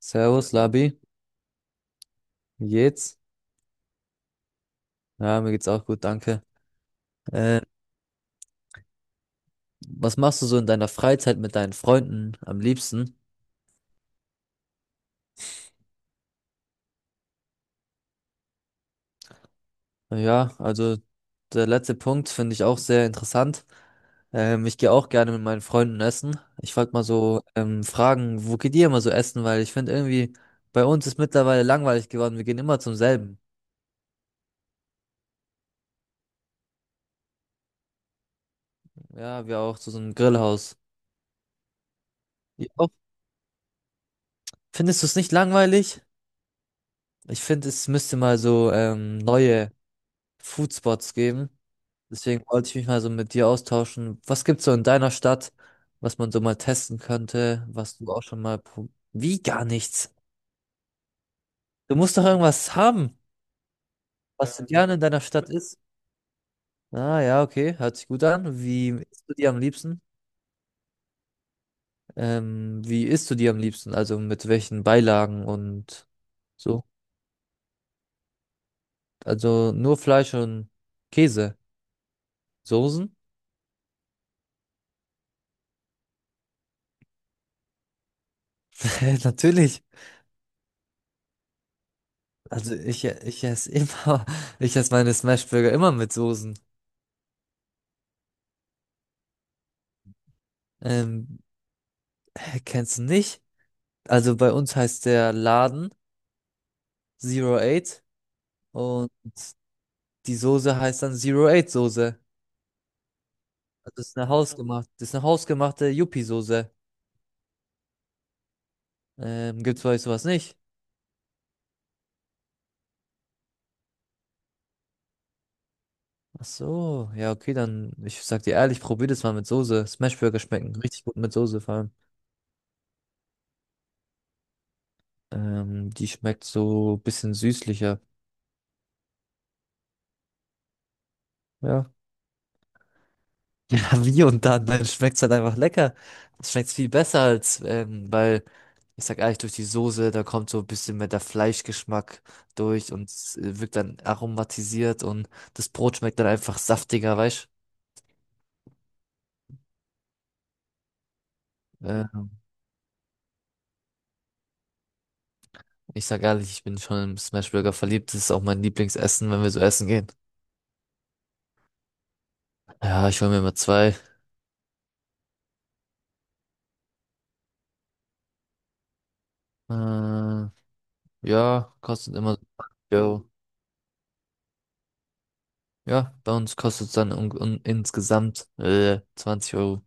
Servus, Labi. Wie geht's? Ja, mir geht's auch gut, danke. Äh, Was machst du so in deiner Freizeit mit deinen Freunden am liebsten? Ja, also der letzte Punkt finde ich auch sehr interessant. Ich gehe auch gerne mit meinen Freunden essen. Ich wollte mal so fragen, wo geht ihr immer so essen? Weil ich finde irgendwie, bei uns ist mittlerweile langweilig geworden. Wir gehen immer zum selben. Ja, wir auch zu so einem Grillhaus. Ihr auch? Findest du es nicht langweilig? Ich finde, es müsste mal so neue Foodspots geben. Deswegen wollte ich mich mal so mit dir austauschen. Was gibt's so in deiner Stadt, was man so mal testen könnte, was du auch schon mal Wie, gar nichts? Du musst doch irgendwas haben, was du gerne in deiner Stadt isst. Ah ja, okay, hört sich gut an. Wie isst du die am liebsten? Wie isst du die am liebsten? Also mit welchen Beilagen und so? Also nur Fleisch und Käse. Soßen? Natürlich. Also ich esse immer, ich esse meine Smashburger immer mit Soßen. Ähm, Hä, kennst du nicht? Also bei uns heißt der Laden Zero Eight und die Soße heißt dann Zero Eight Soße. Also das ist eine hausgemachte Yuppie-Soße. Gibt's bei euch sowas nicht? Ach so, ja, okay, dann, ich sag dir ehrlich, probier das mal mit Soße. Smashburger schmecken richtig gut mit Soße vor allem. Die schmeckt so ein bisschen süßlicher. Ja. Ja, wie und dann schmeckt's halt einfach lecker. Es schmeckt viel besser als, weil, ich sag ehrlich, durch die Soße, da kommt so ein bisschen mehr der Fleischgeschmack durch und es wirkt dann aromatisiert und das Brot schmeckt dann einfach saftiger, weißt du? Ich sag ehrlich, ich bin schon im Smashburger verliebt. Das ist auch mein Lieblingsessen, wenn wir so essen gehen. Ja, ich hole mir immer zwei. Äh, ja, kostet immer so 20 Euro. Ja, bei uns kostet es dann un un insgesamt 20 Euro.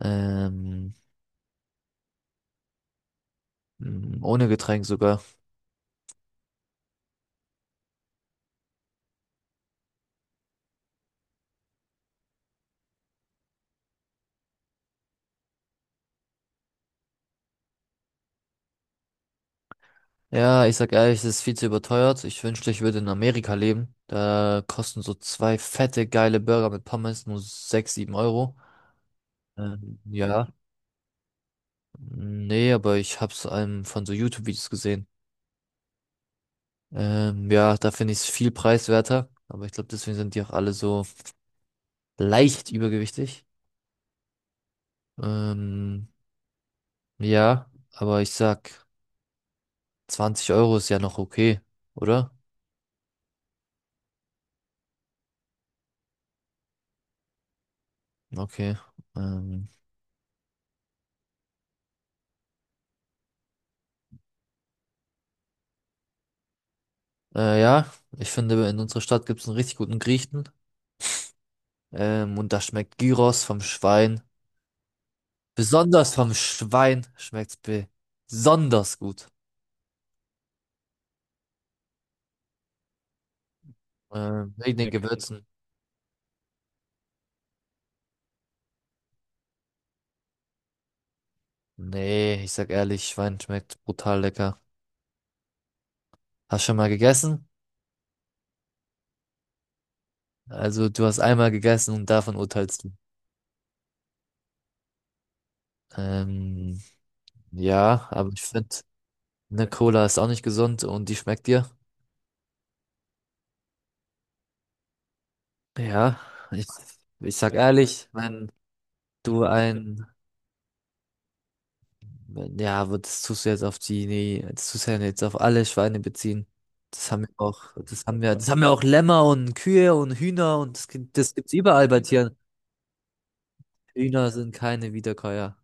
Ähm, Ohne Getränk sogar. Ja, ich sag ehrlich, es ist viel zu überteuert. Ich wünschte, ich würde in Amerika leben. Da kosten so zwei fette, geile Burger mit Pommes nur 6, 7 Euro. Ja. Nee, aber ich hab's von so YouTube-Videos gesehen. Ja, da finde ich es viel preiswerter. Aber ich glaube, deswegen sind die auch alle so leicht übergewichtig. Ähm, ja, aber ich sag, 20 Euro ist ja noch okay, oder? Okay. Ähm, ja, ich finde, in unserer Stadt gibt es einen richtig guten Griechen. Und da schmeckt Gyros vom Schwein. Besonders vom Schwein schmeckt's besonders gut. Wegen den Gewürzen. Nee, ich sag ehrlich, Schwein schmeckt brutal lecker. Hast schon mal gegessen? Also, du hast einmal gegessen und davon urteilst du. Ähm, ja, aber ich finde, eine Cola ist auch nicht gesund und die schmeckt dir. Ja, ich, ich sag ehrlich, wenn du ein, ja, aber das tust du jetzt auf das tust du ja jetzt auf alle Schweine beziehen. Das haben wir auch, das haben wir auch, Lämmer und Kühe und Hühner und das gibt's überall bei Tieren. Hühner sind keine Wiederkäuer.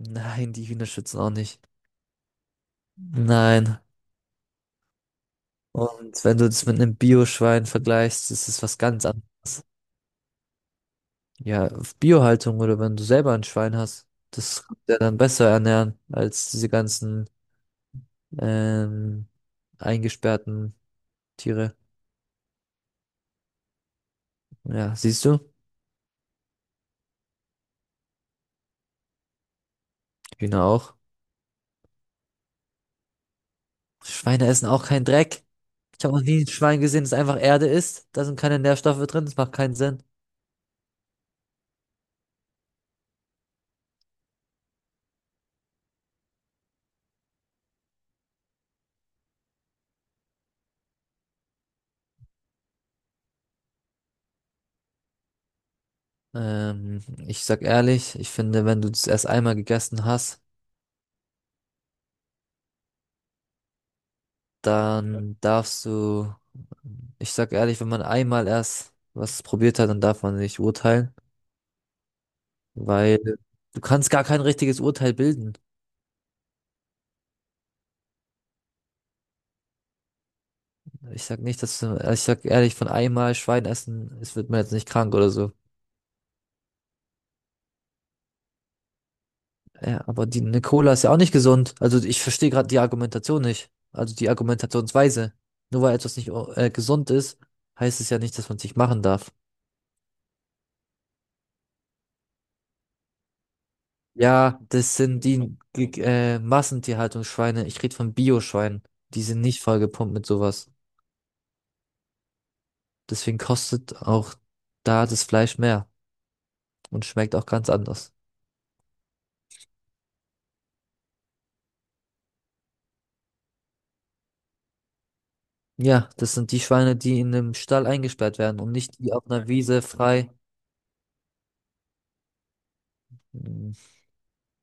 Nein, die Hühner schützen auch nicht. Nein. Und wenn du das mit einem Bio-Schwein vergleichst, ist es was ganz anderes. Ja, auf Biohaltung, oder wenn du selber ein Schwein hast, das kannst du ja dann besser ernähren als diese ganzen ähm, eingesperrten Tiere. Ja, siehst du? Hühner auch. Schweine essen auch keinen Dreck. Ich habe noch nie ein Schwein gesehen, das einfach Erde isst. Da sind keine Nährstoffe drin, das macht keinen Sinn. Ich sag ehrlich, ich finde, wenn du das erst einmal gegessen hast, dann darfst du, ich sag ehrlich, wenn man einmal erst was probiert hat, dann darf man nicht urteilen, weil du kannst gar kein richtiges Urteil bilden. Ich sag nicht, dass du, ich sag ehrlich, von einmal Schwein essen, es wird man jetzt nicht krank oder so. Ja, aber die, eine Cola ist ja auch nicht gesund. Also ich verstehe gerade die Argumentation nicht. Also die Argumentationsweise. Nur weil etwas nicht gesund ist, heißt es ja nicht, dass man es nicht machen darf. Ja, das sind die Massentierhaltungsschweine. Ich rede von Bioschweinen. Die sind nicht vollgepumpt mit sowas. Deswegen kostet auch da das Fleisch mehr und schmeckt auch ganz anders. Ja, das sind die Schweine, die in einem Stall eingesperrt werden und nicht die auf einer Wiese frei. Hm,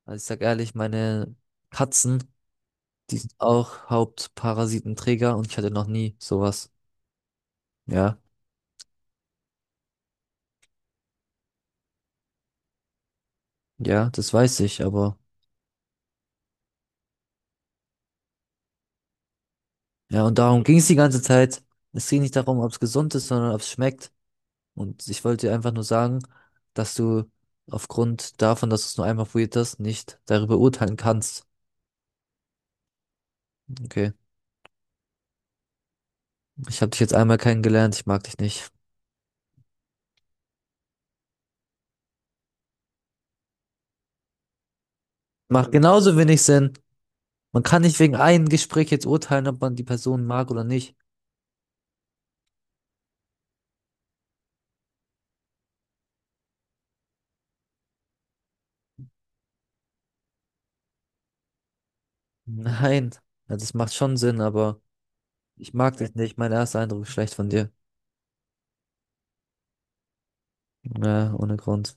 Also ich sag ehrlich, meine Katzen, die sind auch Hauptparasitenträger und ich hatte noch nie sowas. Ja, ja, das weiß ich, aber ja, und darum ging es die ganze Zeit. Es ging nicht darum, ob es gesund ist, sondern ob es schmeckt. Und ich wollte dir einfach nur sagen, dass du aufgrund davon, dass du es nur einmal probiert hast, nicht darüber urteilen kannst. Okay, ich habe dich jetzt einmal kennengelernt, ich mag dich nicht. Macht genauso wenig Sinn. Man kann nicht wegen einem Gespräch jetzt urteilen, ob man die Person mag oder nicht. Nein, ja, das macht schon Sinn, aber. Ich mag dich nicht. Mein erster Eindruck ist schlecht von dir. Ja, ohne Grund.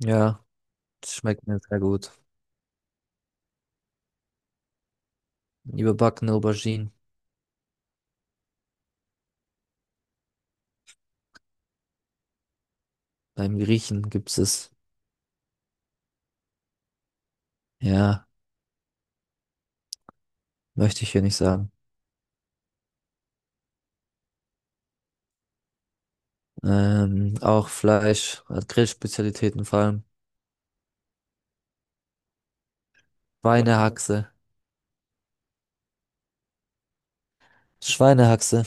Ja, das schmeckt mir sehr gut. Überbackene Auberginen. Beim Griechen gibt's es. Ja, möchte ich hier nicht sagen. Auch Fleisch, Grillspezialitäten vor allem. Schweinehaxe. Schweinehaxe.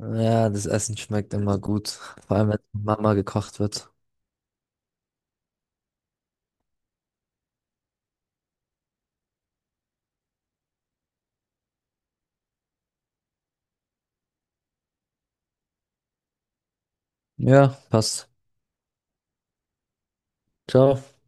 Ja, das Essen schmeckt immer gut. Vor allem, wenn Mama gekocht wird. Ja, passt. Ciao.